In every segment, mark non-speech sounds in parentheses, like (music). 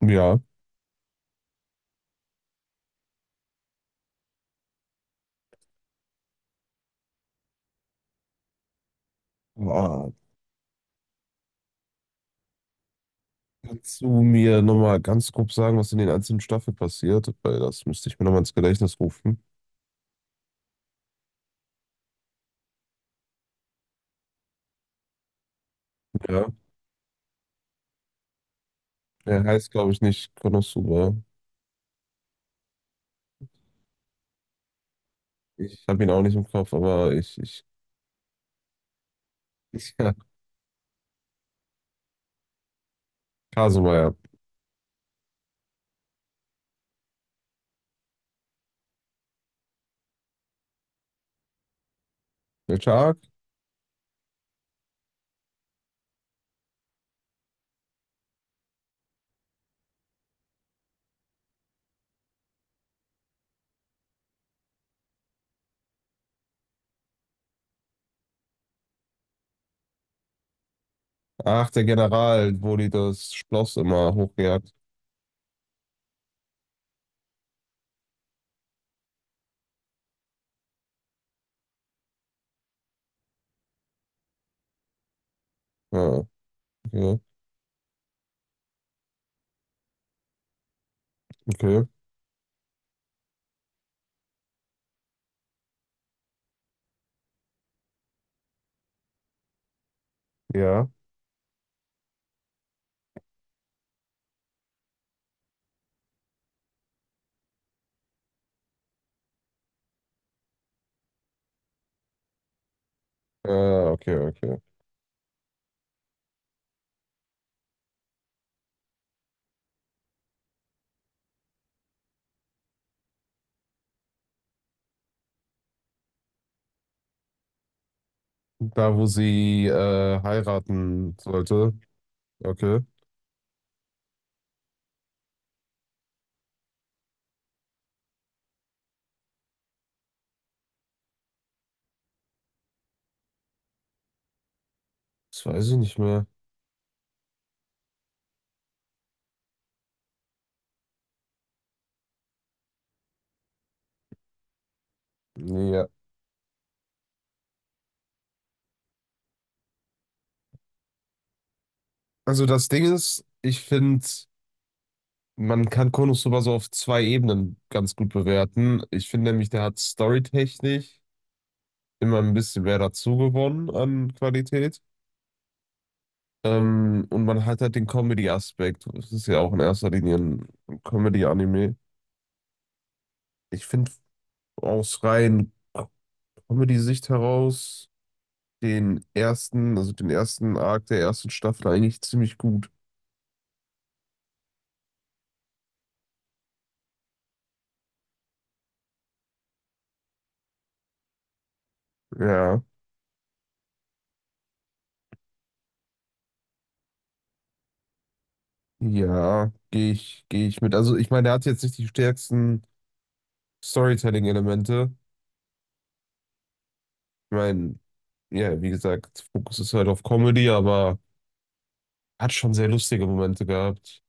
Ja. Ah, kannst du mir nochmal ganz grob sagen, was in den einzelnen Staffeln passiert? Weil das müsste ich mir nochmal ins Gedächtnis rufen. Ja. Er heißt, glaube ich, nicht Konosuba. Ich habe ihn auch nicht im Kopf, aber ich, (laughs) ja. Kasuma, ja. Welcher Arc? Ach, der General, wo die das Schloss immer hochgejagt. Ah, okay. Okay. Ja. Äh okay, okay. Da, wo sie heiraten sollte. Okay. Das weiß ich nicht mehr. Ja, also das Ding ist, ich finde, man kann Konosuba so auf zwei Ebenen ganz gut bewerten. Ich finde nämlich, der hat storytechnisch immer ein bisschen mehr dazu gewonnen an Qualität. Und man hat halt den Comedy-Aspekt. Das ist ja auch in erster Linie ein Comedy-Anime. Ich finde aus rein Comedy-Sicht heraus den ersten, also den ersten Arc der ersten Staffel eigentlich ziemlich gut. Ja, ja, gehe ich mit. Also ich meine, der hat jetzt nicht die stärksten Storytelling-Elemente. Ich meine, ja, wie gesagt, Fokus ist halt auf Comedy, aber hat schon sehr lustige Momente gehabt.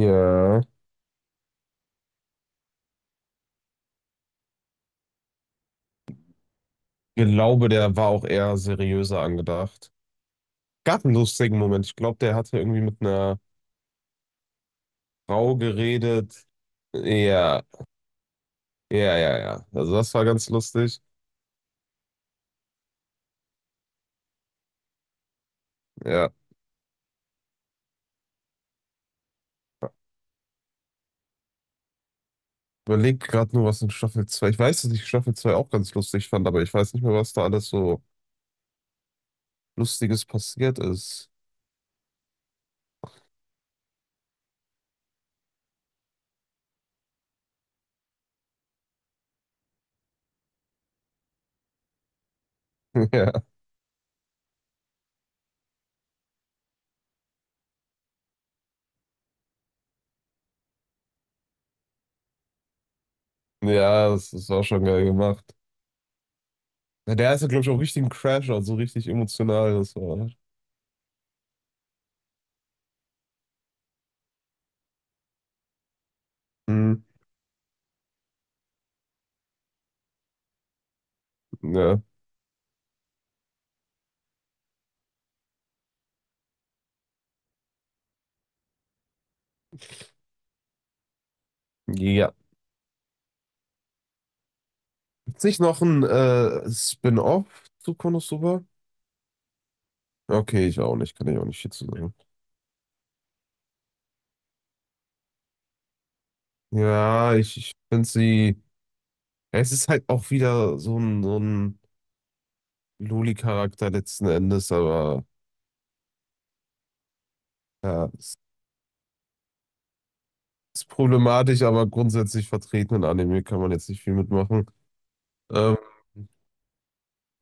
Ja. Ich glaube, der war auch eher seriöser angedacht. Gab einen lustigen Moment. Ich glaube, der hatte irgendwie mit einer Frau geredet. Ja, ja, ja, ja. Also das war ganz lustig. Ja. Überlegt gerade nur, was in Staffel 2. Ich weiß, dass ich Staffel zwei auch ganz lustig fand, aber ich weiß nicht mehr, was da alles so Lustiges passiert ist. (laughs) Ja. Ja, das, das war schon geil gemacht. Na, der hatte, glaube ich, auch richtig einen Crash, also richtig emotional. Das war. Mhm. Ja. Ja. Gibt's nicht noch ein Spin-off zu Konosuba? Okay, ich auch nicht, kann ich auch nicht viel zu sagen. Ja, ich finde sie. Ja, es ist halt auch wieder so ein Loli-Charakter letzten Endes, aber ja, es ist problematisch, aber grundsätzlich vertreten in Anime kann man jetzt nicht viel mitmachen. Ähm,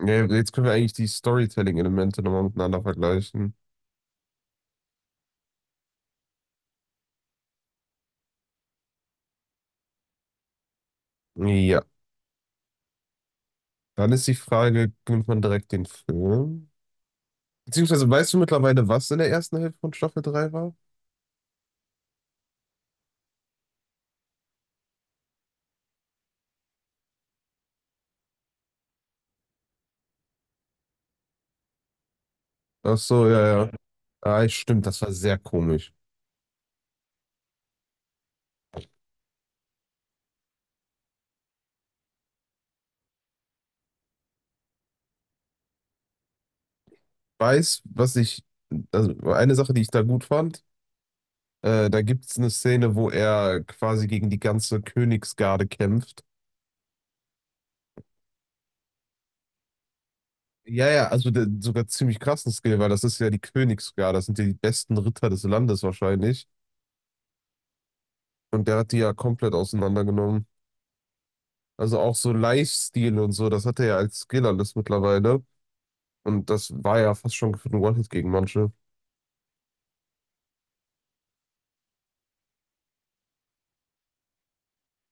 ja, jetzt können wir eigentlich die Storytelling-Elemente nochmal miteinander vergleichen. Ja. Dann ist die Frage, nimmt man direkt den Film? Beziehungsweise weißt du mittlerweile, was in der ersten Hälfte von Staffel 3 war? Ach so, ja, ja. Ah, stimmt, das war sehr komisch. Weiß, was ich, also eine Sache, die ich da gut fand, da gibt es eine Szene, wo er quasi gegen die ganze Königsgarde kämpft. Ja, ja, also der, sogar ziemlich krassen Skill, weil das ist ja die Königsgarde, das sind ja die besten Ritter des Landes wahrscheinlich. Und der hat die ja komplett auseinandergenommen. Also auch so Lifestyle und so, das hat er ja als Skill alles mittlerweile. Und das war ja fast schon gefühlt ein One-Hit gegen manche.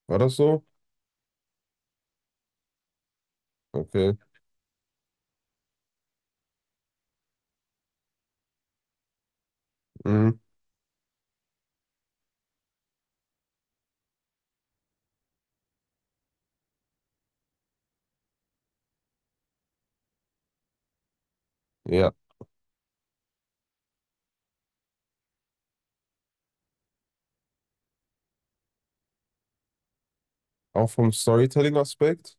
War das so? Okay. Mhm. Ja. Auch vom Storytelling-Aspekt.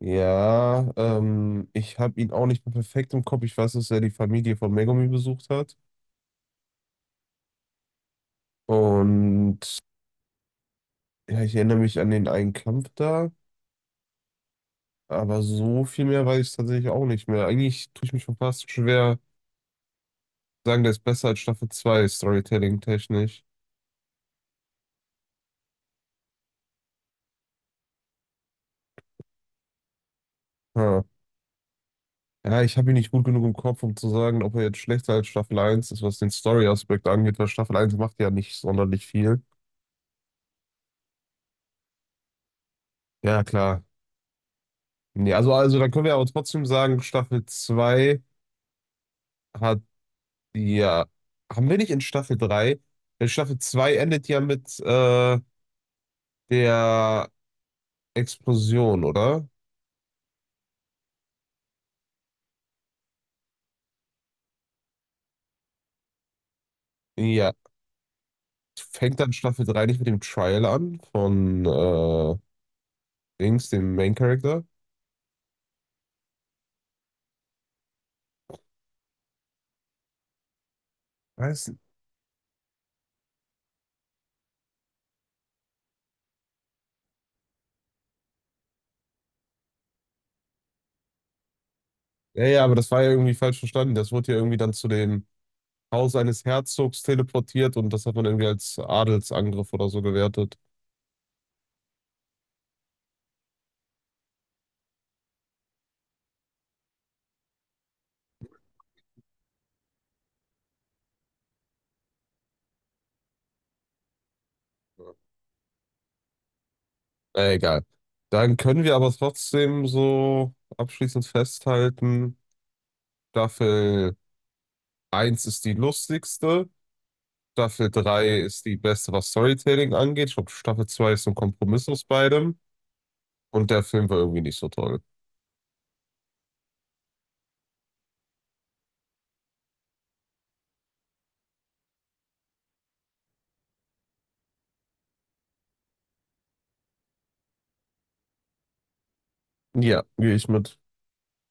Ja, ich habe ihn auch nicht mehr perfekt im Kopf. Ich weiß, dass er die Familie von Megumi besucht hat. Und ja, ich erinnere mich an den einen Kampf da. Aber so viel mehr weiß ich tatsächlich auch nicht mehr. Eigentlich tue ich mich schon fast schwer, sagen, der ist besser als Staffel 2 Storytelling-technisch. Hm. Ja, ich habe ihn nicht gut genug im Kopf, um zu sagen, ob er jetzt schlechter als Staffel eins ist, was den Story-Aspekt angeht, weil Staffel eins macht ja nicht sonderlich viel. Ja, klar. Nee, also dann können wir aber trotzdem sagen, Staffel zwei hat ja. Haben wir nicht in Staffel drei. Weil Staffel 2 endet ja mit der Explosion, oder? Ja. Fängt dann Staffel 3 nicht mit dem Trial an von Dings, dem Main Character? Weiß nicht. Ja, ja, aber das war ja irgendwie falsch verstanden. Das wurde ja irgendwie dann zu den Haus eines Herzogs teleportiert und das hat man irgendwie als Adelsangriff oder so gewertet. Na, egal. Dann können wir aber trotzdem so abschließend festhalten, Staffel eins ist die lustigste, Staffel 3 ist die beste, was Storytelling angeht. Ich glaube, Staffel 2 ist so ein Kompromiss aus beidem und der Film war irgendwie nicht so toll. Ja, gehe ich mit.